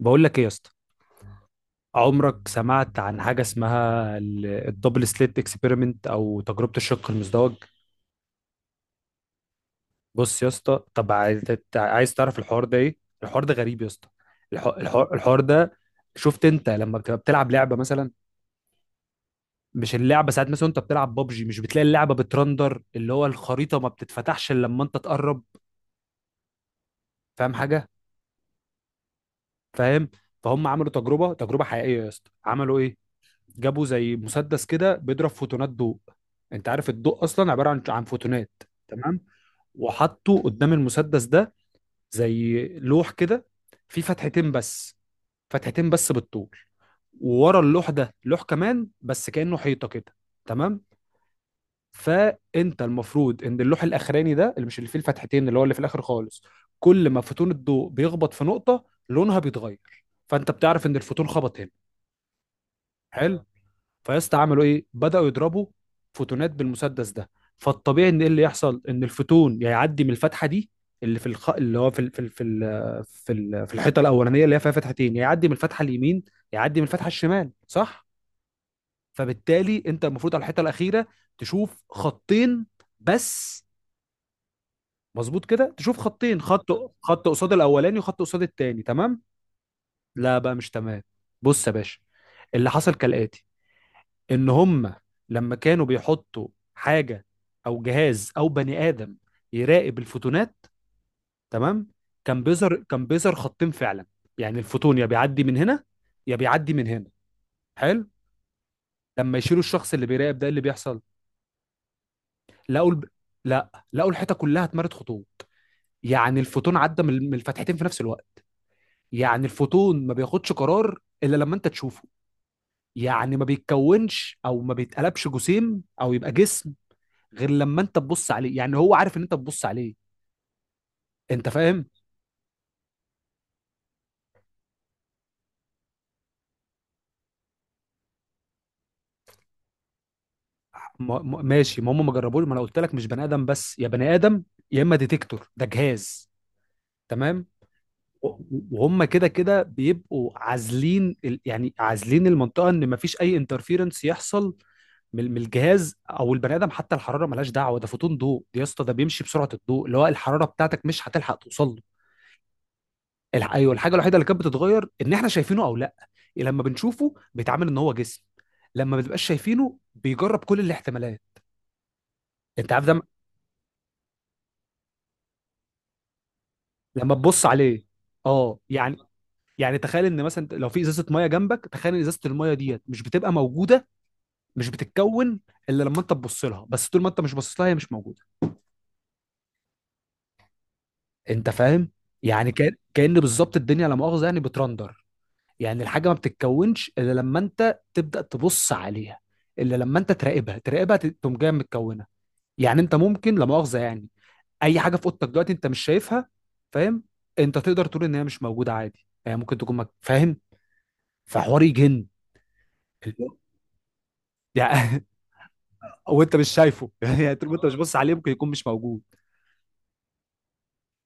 بقول لك ايه يا اسطى؟ عمرك سمعت عن حاجه اسمها الدبل سليت اكسبيرمنت او تجربه الشق المزدوج؟ بص يا اسطى، طب عايز تعرف الحوار ده ايه؟ الحوار ده غريب يا اسطى. الحوار ده، شفت انت لما بتبقى بتلعب لعبه مثلا؟ مش اللعبه ساعات مثلا انت بتلعب ببجي، مش بتلاقي اللعبه بترندر؟ اللي هو الخريطه ما بتتفتحش الا لما انت تقرب. فاهم حاجه؟ فاهم. فهم، عملوا تجربه حقيقيه يا اسطى. عملوا ايه؟ جابوا زي مسدس كده بيضرب فوتونات ضوء. انت عارف الضوء اصلا عباره عن فوتونات؟ تمام. وحطوا قدام المسدس ده زي لوح كده، فيه فتحتين بس، فتحتين بس بالطول. وورا اللوح ده لوح كمان، بس كأنه حيطة كده. تمام. فانت المفروض ان اللوح الاخراني ده، اللي مش اللي فيه الفتحتين، اللي هو اللي في الاخر خالص، كل ما فوتون الضوء بيخبط في نقطة لونها بيتغير، فانت بتعرف ان الفوتون خبط هنا. حلو. فيا اسطى، عملوا ايه؟ بداوا يضربوا فوتونات بالمسدس ده. فالطبيعي ان ايه اللي يحصل؟ ان الفوتون يا يعدي من الفتحه دي، اللي في الخ... اللي هو في ال... في ال... في ال... في, ال... في الحيطه الاولانيه اللي هي فيها فتحتين، يا يعدي من الفتحه اليمين، يا يعدي من الفتحه الشمال، صح؟ فبالتالي انت المفروض على الحيطه الاخيره تشوف خطين بس، مظبوط كده، تشوف خطين، خط قصاد الاولاني وخط قصاد التاني، تمام؟ لا بقى، مش تمام. بص يا باشا، اللي حصل كالاتي: ان هم لما كانوا بيحطوا حاجه او جهاز او بني ادم يراقب الفوتونات، تمام، كان بيظهر، كان بيظهر خطين فعلا. يعني الفوتون يا بيعدي من هنا يا بيعدي من هنا، حلو. لما يشيلوا الشخص اللي بيراقب ده إيه اللي بيحصل؟ لقوا الب... لا، لقوا الحيطه كلها اتمرت خطوط. يعني الفوتون عدى من الفتحتين في نفس الوقت. يعني الفوتون ما بياخدش قرار الا لما انت تشوفه. يعني ما بيتكونش او ما بيتقلبش جسيم او يبقى جسم غير لما انت تبص عليه. يعني هو عارف ان انت بتبص عليه؟ انت فاهم؟ ماشي، ما هم ما جربوش، ما انا قلت لك مش بني ادم بس، يا بني ادم يا اما ديتكتور ده جهاز، تمام. و- وهم كده كده بيبقوا عازلين يعني عازلين المنطقه ان ما فيش اي انترفيرنس يحصل من الجهاز او البني ادم. حتى الحراره ملهاش دعوه، ده فوتون ضوء دي يا اسطى، ده بيمشي بسرعه الضوء، اللي هو الحراره بتاعتك مش هتلحق توصل له. ايوه، الحاجه الوحيده اللي كانت بتتغير ان احنا شايفينه او لا. لما بنشوفه بيتعامل ان هو جسم، لما ما بتبقاش شايفينه بيجرب كل الاحتمالات. انت عارف ده لما تبص عليه، اه يعني. يعني تخيل ان مثلا لو في ازازه ميه جنبك، تخيل ان ازازه الميه ديت مش بتبقى موجوده، مش بتتكون الا لما انت تبص لها. بس طول ما انت مش باصص لها هي مش موجوده. انت فاهم؟ يعني كان بالظبط الدنيا لا مؤاخذه يعني بترندر. يعني الحاجه ما بتتكونش الا لما انت تبدا تبص عليها، الا لما انت تراقبها، تقوم جايه متكونه. يعني انت ممكن لا مؤاخذه يعني اي حاجه في اوضتك دلوقتي انت مش شايفها، فاهم؟ انت تقدر تقول ان هي مش موجوده عادي يعني، ممكن تكون فاهم؟ فحوار يجن يعني. وانت مش شايفه يعني طول ما انت مش باصص عليه ممكن يكون مش موجود.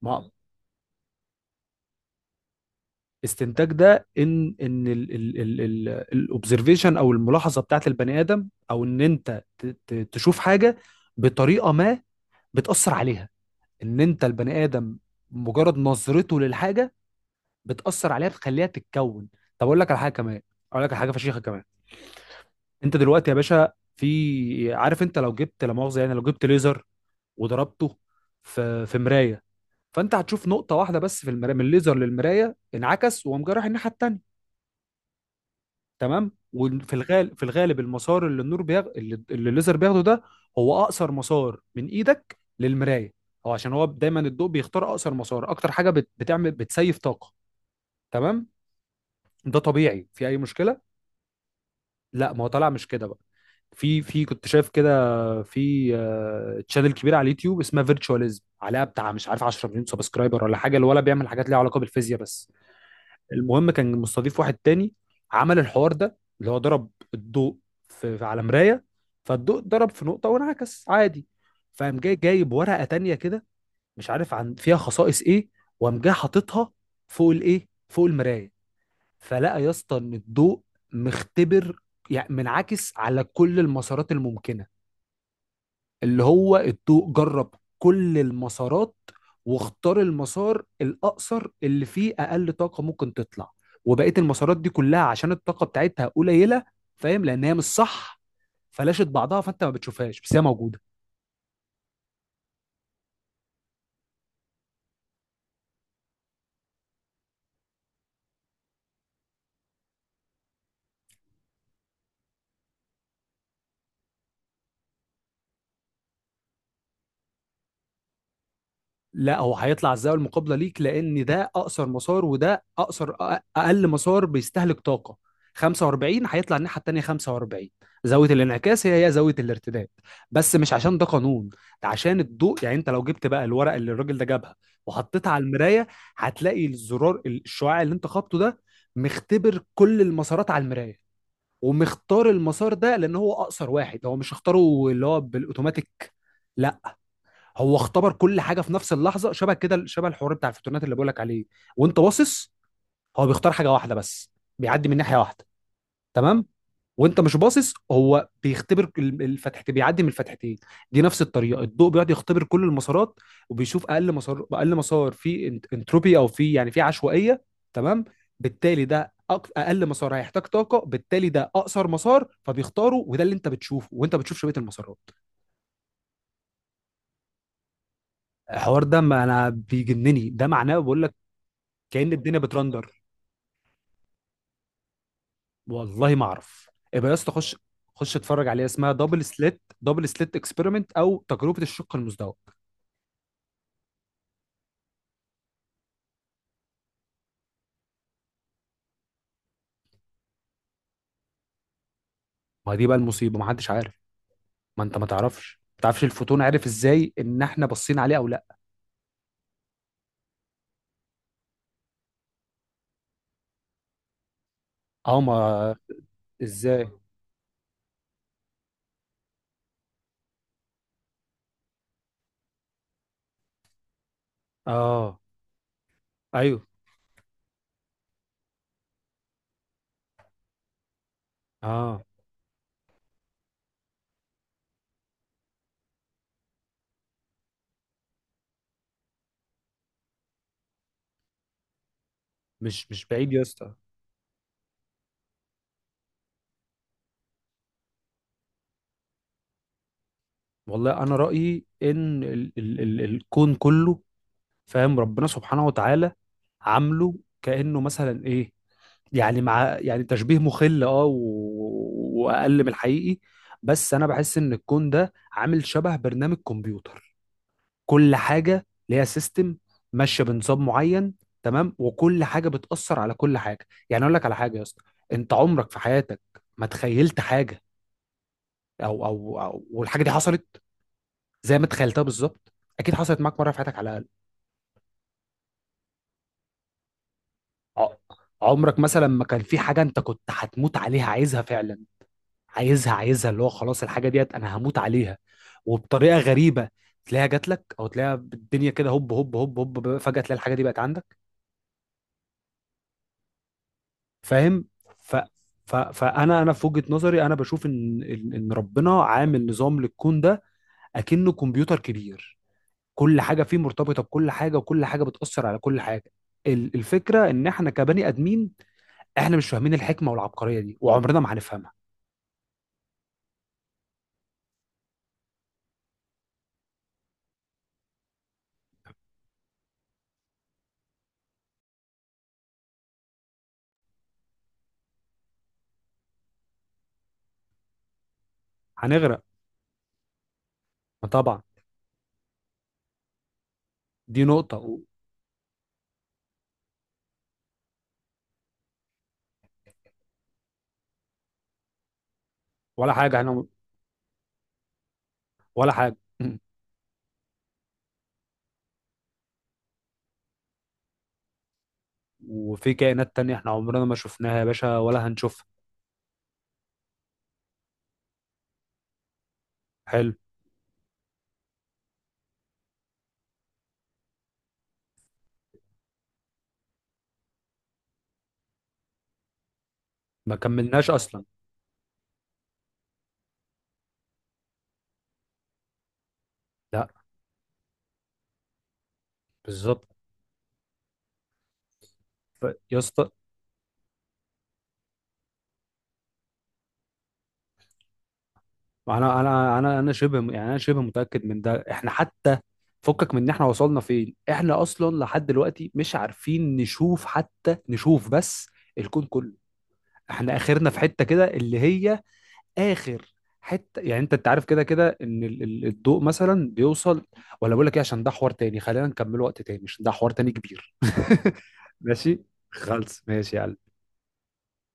ما استنتاج ده ان الاوبزرفيشن او الملاحظه بتاعت البني ادم، او ان انت تشوف حاجه بطريقه ما بتاثر عليها، ان انت البني ادم مجرد نظرته للحاجه بتاثر عليها، بتخليها تتكون. طب اقول لك على حاجه كمان، اقول لك على حاجه فشيخه كمان. انت دلوقتي يا باشا، في، عارف انت لو جبت لا مؤاخذه يعني، لو جبت ليزر وضربته في مرايه، فانت هتشوف نقطه واحده بس في المرايه، من الليزر للمرايه انعكس وقام جاي رايح الناحيه التانيه، تمام. وفي الغالب، في الغالب، المسار اللي النور بيغ... اللي اللي الليزر بياخده ده هو اقصر مسار من ايدك للمرايه. هو عشان هو دايما الضوء بيختار اقصر مسار، اكتر حاجه بتعمل بتسيف طاقه، تمام. ده طبيعي، في اي مشكله؟ لا، ما هو طالع مش كده بقى. في، كنت شايف كده، في تشانل كبير على اليوتيوب اسمها فيرتشواليزم، عليها بتاع مش عارف 10 مليون سبسكرايبر ولا حاجه، الولا بيعمل حاجات ليها علاقه بالفيزياء بس. المهم كان مستضيف واحد تاني، عمل الحوار ده اللي هو ضرب الضوء على مرايه، فالضوء ضرب في نقطه وانعكس عادي. فقام جاي جايب ورقه تانيه كده، مش عارف عن فيها خصائص ايه، وقام جاي حاططها فوق الايه، فوق المرايه. فلقى يا اسطى ان الضوء مختبر، يعني منعكس على كل المسارات الممكنه. اللي هو الضوء جرب كل المسارات، واختار المسار الاقصر اللي فيه اقل طاقه ممكن تطلع. وبقيه المسارات دي كلها، عشان الطاقه بتاعتها قليله، فاهم، لان هي مش صح، فلاشت بعضها، فانت ما بتشوفهاش بس هي موجوده. لا، هو هيطلع الزاويه المقابله ليك، لان ده اقصر مسار، وده اقل مسار بيستهلك طاقه. 45 هيطلع الناحيه التانيه 45. زاويه الانعكاس هي زاويه الارتداد، بس مش عشان ده قانون، ده عشان الضوء. يعني انت لو جبت بقى الورقه اللي الراجل ده جابها، وحطيتها على المرايه، هتلاقي الزرار الشعاع اللي انت خبطه ده مختبر كل المسارات على المرايه، ومختار المسار ده لان هو اقصر واحد. هو مش اختاره اللي هو بالاوتوماتيك، لا، هو اختبر كل حاجه في نفس اللحظه، شبه كده شبه الحوار بتاع الفوتونات اللي بقول لك عليه. وانت باصص هو بيختار حاجه واحده بس، بيعدي من ناحيه واحده، تمام. وانت مش باصص هو بيختبر الفتحتين، بيعدي من الفتحتين. دي نفس الطريقه، الضوء بيقعد يختبر كل المسارات، وبيشوف اقل مسار، اقل مسار فيه انتروبي، او فيه يعني فيه عشوائيه، تمام. بالتالي ده اقل مسار هيحتاج طاقه، بالتالي ده اقصر مسار فبيختاره، وده اللي انت بتشوفه، وانت بتشوف شبيه المسارات. الحوار ده ما انا بيجنني، ده معناه بقول لك، كأن الدنيا بترندر. والله ما اعرف. يبقى يا اسطى خش، خش اتفرج عليها، اسمها دبل سليت، دبل سليت اكسبيرمنت او تجربه الشق المزدوج. ما دي بقى المصيبه، ما حدش عارف. ما انت ما تعرفش، ما تعرفش الفوتون عارف ازاي ان احنا باصين عليه او لا. اه، ما ازاي؟ اه، ايوه. اه، مش مش بعيد يا اسطى. والله انا رايي ان ال ال ال الكون كله، فاهم، ربنا سبحانه وتعالى عامله كانه مثلا ايه، يعني مع يعني تشبيه مخل، واقل من الحقيقي، بس انا بحس ان الكون ده عامل شبه برنامج كمبيوتر. كل حاجه ليها سيستم، ماشيه بنظام معين، تمام. وكل حاجه بتاثر على كل حاجه. يعني اقول لك على حاجه يا اسطى، انت عمرك في حياتك ما تخيلت حاجه او والحاجه دي حصلت زي ما تخيلتها بالظبط؟ اكيد حصلت معاك مره في حياتك على الاقل. ع- عمرك مثلا ما كان في حاجه انت كنت هتموت عليها، عايزها فعلا، عايزها، اللي هو خلاص الحاجه ديت انا هموت عليها، وبطريقه غريبه تلاقيها جات لك، او تلاقيها بالدنيا كده هوب هوب هوب هوب فجاه تلاقي الحاجه دي بقت عندك. فاهم؟ ف ف فانا انا في وجهه نظري انا بشوف ان ان إن ربنا عامل نظام للكون ده، اكنه كمبيوتر كبير، كل حاجه فيه مرتبطه بكل حاجه، وكل حاجه بتاثر على كل حاجه. الفكره ان احنا كبني ادمين، احنا مش فاهمين الحكمه والعبقريه دي، وعمرنا ما هنفهمها. هنغرق، ما طبعا. دي نقطه. ولا حاجه احنا، ولا حاجه. وفي كائنات تانية احنا عمرنا ما شفناها يا باشا ولا هنشوفها. حلو، ما كملناش اصلا، لا بالظبط. ف- يا اسطى، انا شبه يعني، انا شبه متاكد من ده. احنا حتى فكك من ان احنا وصلنا فين، احنا اصلا لحد دلوقتي مش عارفين نشوف، حتى نشوف بس الكون كله. احنا اخرنا في حته كده اللي هي اخر حته، يعني انت انت عارف كده كده ان الضوء مثلا بيوصل، ولا بقول لك ايه، عشان ده حوار تاني، خلينا نكمله وقت تاني، عشان ده حوار تاني كبير. ماشي، خلص، ماشي يا